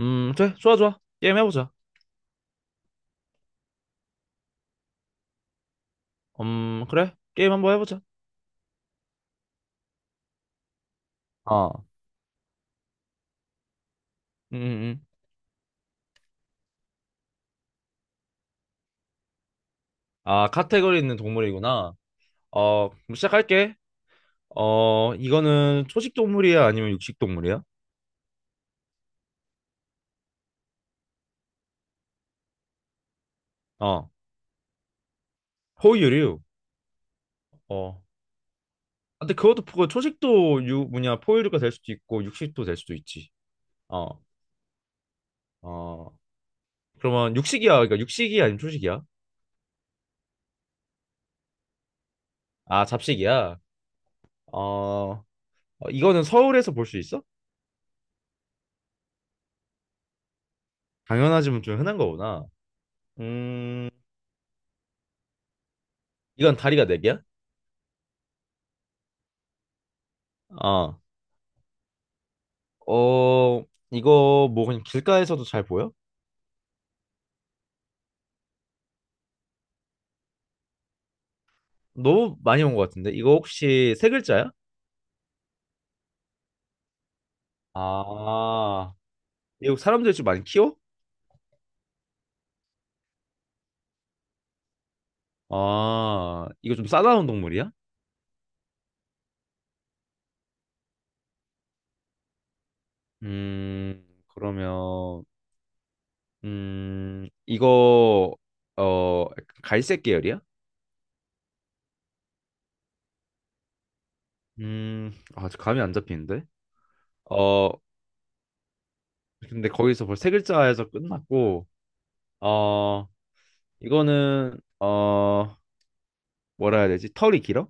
그래, 좋아, 좋아. 게임 해보자. 그래, 게임 한번 해보자. 어, 음, 음, 음. 아, 카테고리 있는 동물이구나. 어, 그럼 시작할게. 어, 이거는 초식 동물이야, 아니면 육식 동물이야? 어, 포유류. 어, 아, 근데 그것도 초식도 뭐냐, 포유류가 될 수도 있고, 육식도 될 수도 있지. 어, 어, 그러면 육식이야, 그러니까 육식이야, 아니면 초식이야? 아, 잡식이야. 어, 어, 이거는 서울에서 볼 수 있어? 당연하지만 좀 흔한 거구나. 음, 이건 다리가 네 개야? 아, 어, 이거 뭐 그냥 길가에서도 잘 보여? 너무 많이 온 것 같은데. 이거 혹시 세 글자야? 아, 미국 사람들 좀 많이 키워? 아, 이거 좀 싸다운 동물이야? 그러면, 이거, 어, 갈색 계열이야? 아, 저 감이 안 잡히는데? 어, 근데 거기서 벌써 세 글자에서 끝났고, 어, 이거는, 어, 뭐라 해야 되지? 털이 길어?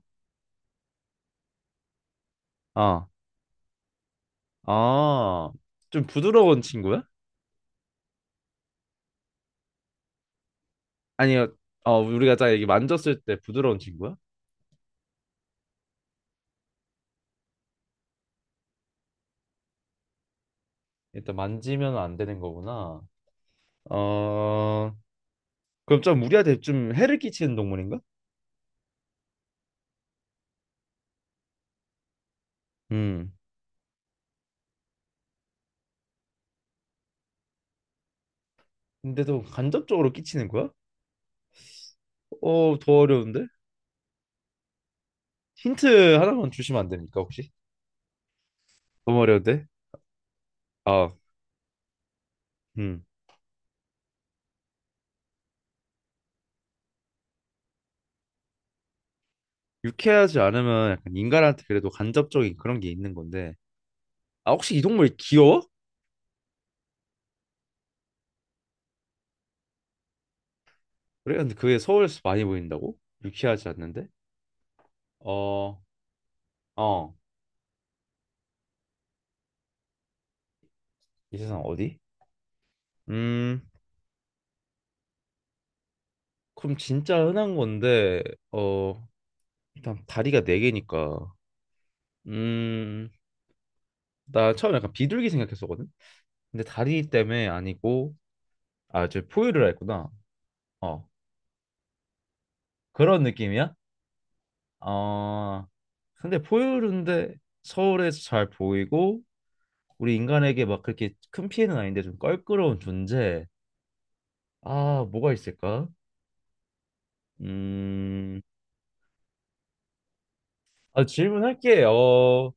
아, 아, 좀 부드러운 친구야? 아니요, 어, 우리가 자 이게 만졌을 때 부드러운 친구야? 일단 만지면 안 되는 거구나. 어, 그럼 좀 우리한테 좀 해를 끼치는 동물인가? 음. 근데도 간접적으로 끼치는 거야? 어, 더 어려운데? 힌트 하나만 주시면 안 됩니까, 혹시? 너무 어려운데? 아, 음. 유쾌하지 않으면 약간 인간한테 그래도 간접적인 그런 게 있는 건데. 아, 혹시 이 동물 귀여워? 그래? 근데 그게 서울에서 많이 보인다고? 유쾌하지 않는데? 어, 어. 이 세상 어디? 음, 그럼 진짜 흔한 건데, 어, 일단 다리가 네 개니까, 음, 나 처음에 약간 비둘기 생각했었거든? 근데 다리 때문에 아니고, 아, 저 포유류라 했구나. 어, 그런 느낌이야? 어, 근데 포유류인데 서울에서 잘 보이고, 우리 인간에게 막 그렇게 큰 피해는 아닌데 좀 껄끄러운 존재. 아, 뭐가 있을까? 음, 아, 질문할게. 어,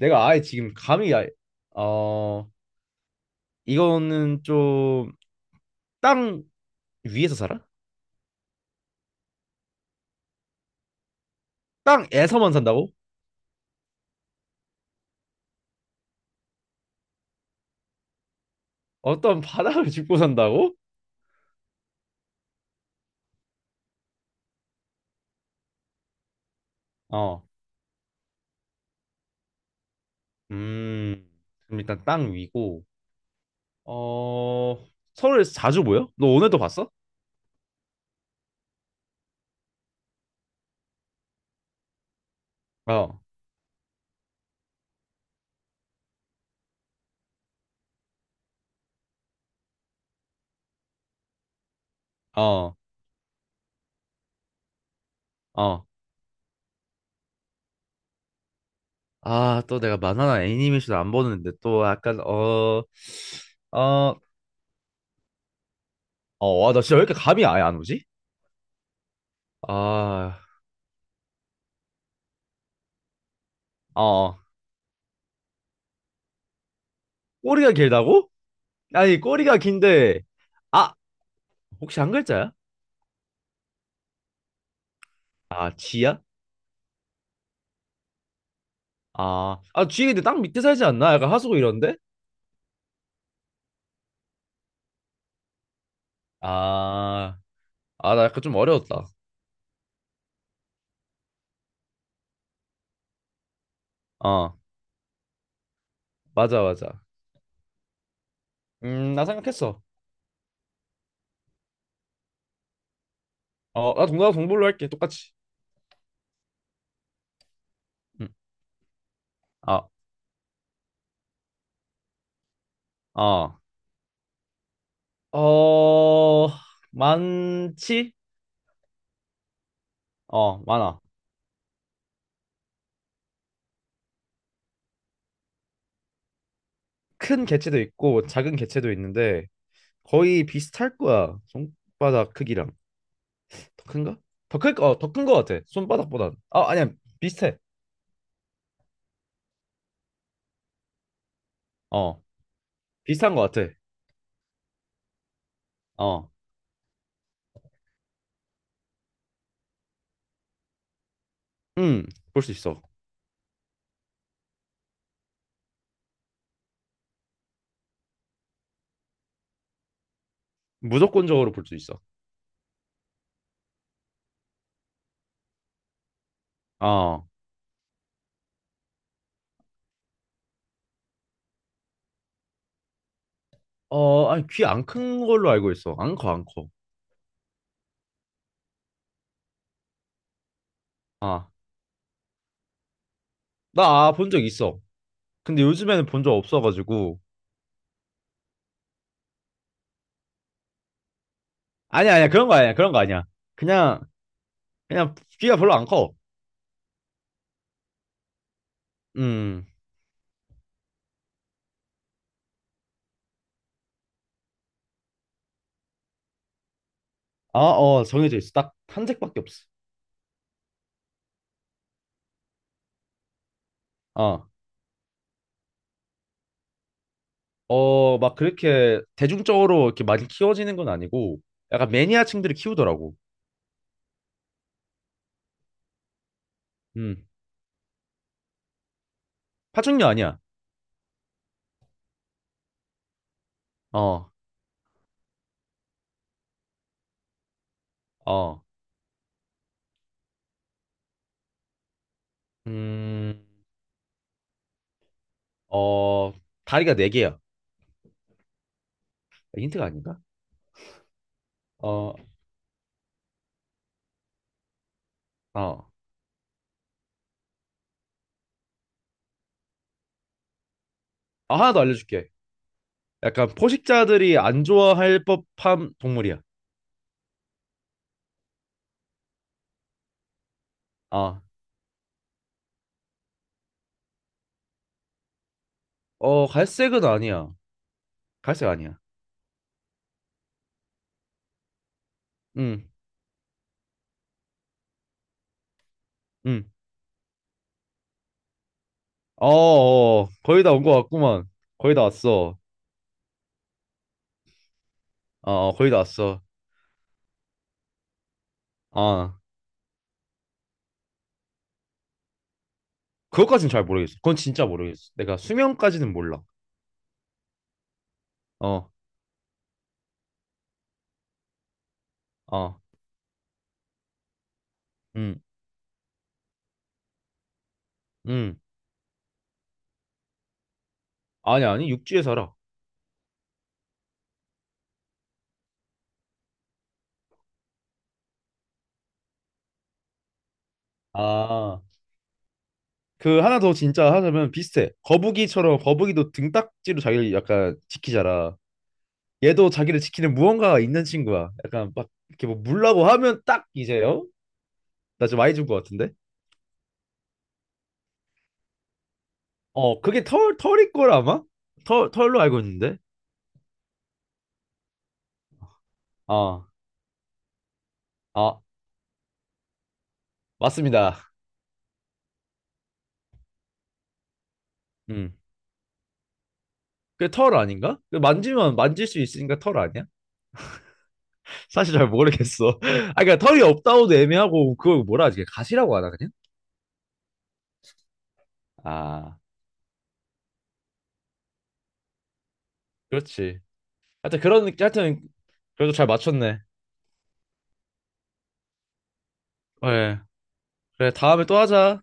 내가 아예 지금 감이 아예, 어, 이거는 좀 땅 위에서 살아? 땅에서만 산다고? 어떤 바닥을 짚고 산다고? 어. 음. 그럼 일단 땅 위고. 어. 서울에서 자주 보여? 너 오늘도 봤어? 어. 어. 어. 아, 또 내가 만화나 애니메이션 안 보는데 또 약간 어. 어. 어, 와, 나 진짜 왜 이렇게 감이 아예 안 오지? 아. 어. 어. 꼬리가 길다고? 아니, 꼬리가 긴데 아, 혹시 한 글자야? 아, 지야? 아, 아, 쥐 근데 땅 밑에 살지 않나? 약간 하수구 이런데? 아, 아, 나 약간 좀 어려웠다. 어, 맞아, 맞아. 나 생각했어. 어, 나 동남아 동물로 할게, 똑같이. 음, 어, 어, 어, 많지? 어, 많아. 큰 개체도 있고, 뭐 작은 개체도 있는데, 거의 비슷할 거야. 손바닥 크기랑. 더 큰가? 더 클, 어, 더 큰 거 같아. 손바닥보단. 아, 아니야, 비슷해. 어, 비슷한 거 같아. 어, 음, 볼 수 있어. 무조건적으로 볼 수 있어. 어, 어, 아니, 귀 안 큰 걸로 알고 있어. 안 커, 안 커. 아, 나 본 적 있어. 근데 요즘에는 본 적 없어가지고. 아니야, 아니야, 그런 거 아니야, 그런 거 아니야. 그냥, 그냥 귀가 별로 안 커. 음, 아, 어, 정해져 있어. 딱 한 색밖에 없어. 어, 어, 막 그렇게 대중적으로 이렇게 많이 키워지는 건 아니고, 약간 매니아층들이 키우더라고. 음, 파충류 아니야. 어, 어, 음, 어, 다리가 네 개야. 아, 힌트가 아닌가? 어, 어. 아, 하나 더 알려줄게. 약간 포식자들이 안 좋아할 법한 동물이야. 아, 어, 갈색은 아니야. 갈색 아니야. 응, 응. 어. 거의 다 온 것 같구만. 거의 다 왔어. 어, 거의 다 왔어. 아, 그것까진 잘 모르겠어. 그건 진짜 모르겠어. 내가 수명까지는 몰라. 어, 어, 응, 응. 아니, 아니, 육지에 살아. 아, 그 하나 더 진짜 하자면 비슷해. 거북이처럼 거북이도 등딱지로 자기를 약간 지키잖아. 얘도 자기를 지키는 무언가가 있는 친구야. 약간 막 이렇게 뭐 물라고 하면 딱 이제요. 나 좀 많이 준 것 같은데. 어, 그게 털 털일 걸 아마? 털 털로 알고 있는데. 아, 아 맞습니다. 음, 그게 털 아닌가? 그 만지면 만질 수 있으니까 털 아니야? 사실 잘 모르겠어. 아, 그러니까 털이 없다고도 애매하고 그걸 뭐라 하지? 가시라고 하나 그냥? 아, 그렇지. 하여튼 그런 느낌. 하여튼 그래도 잘 맞췄네. 예. 그래 다음에 또 하자.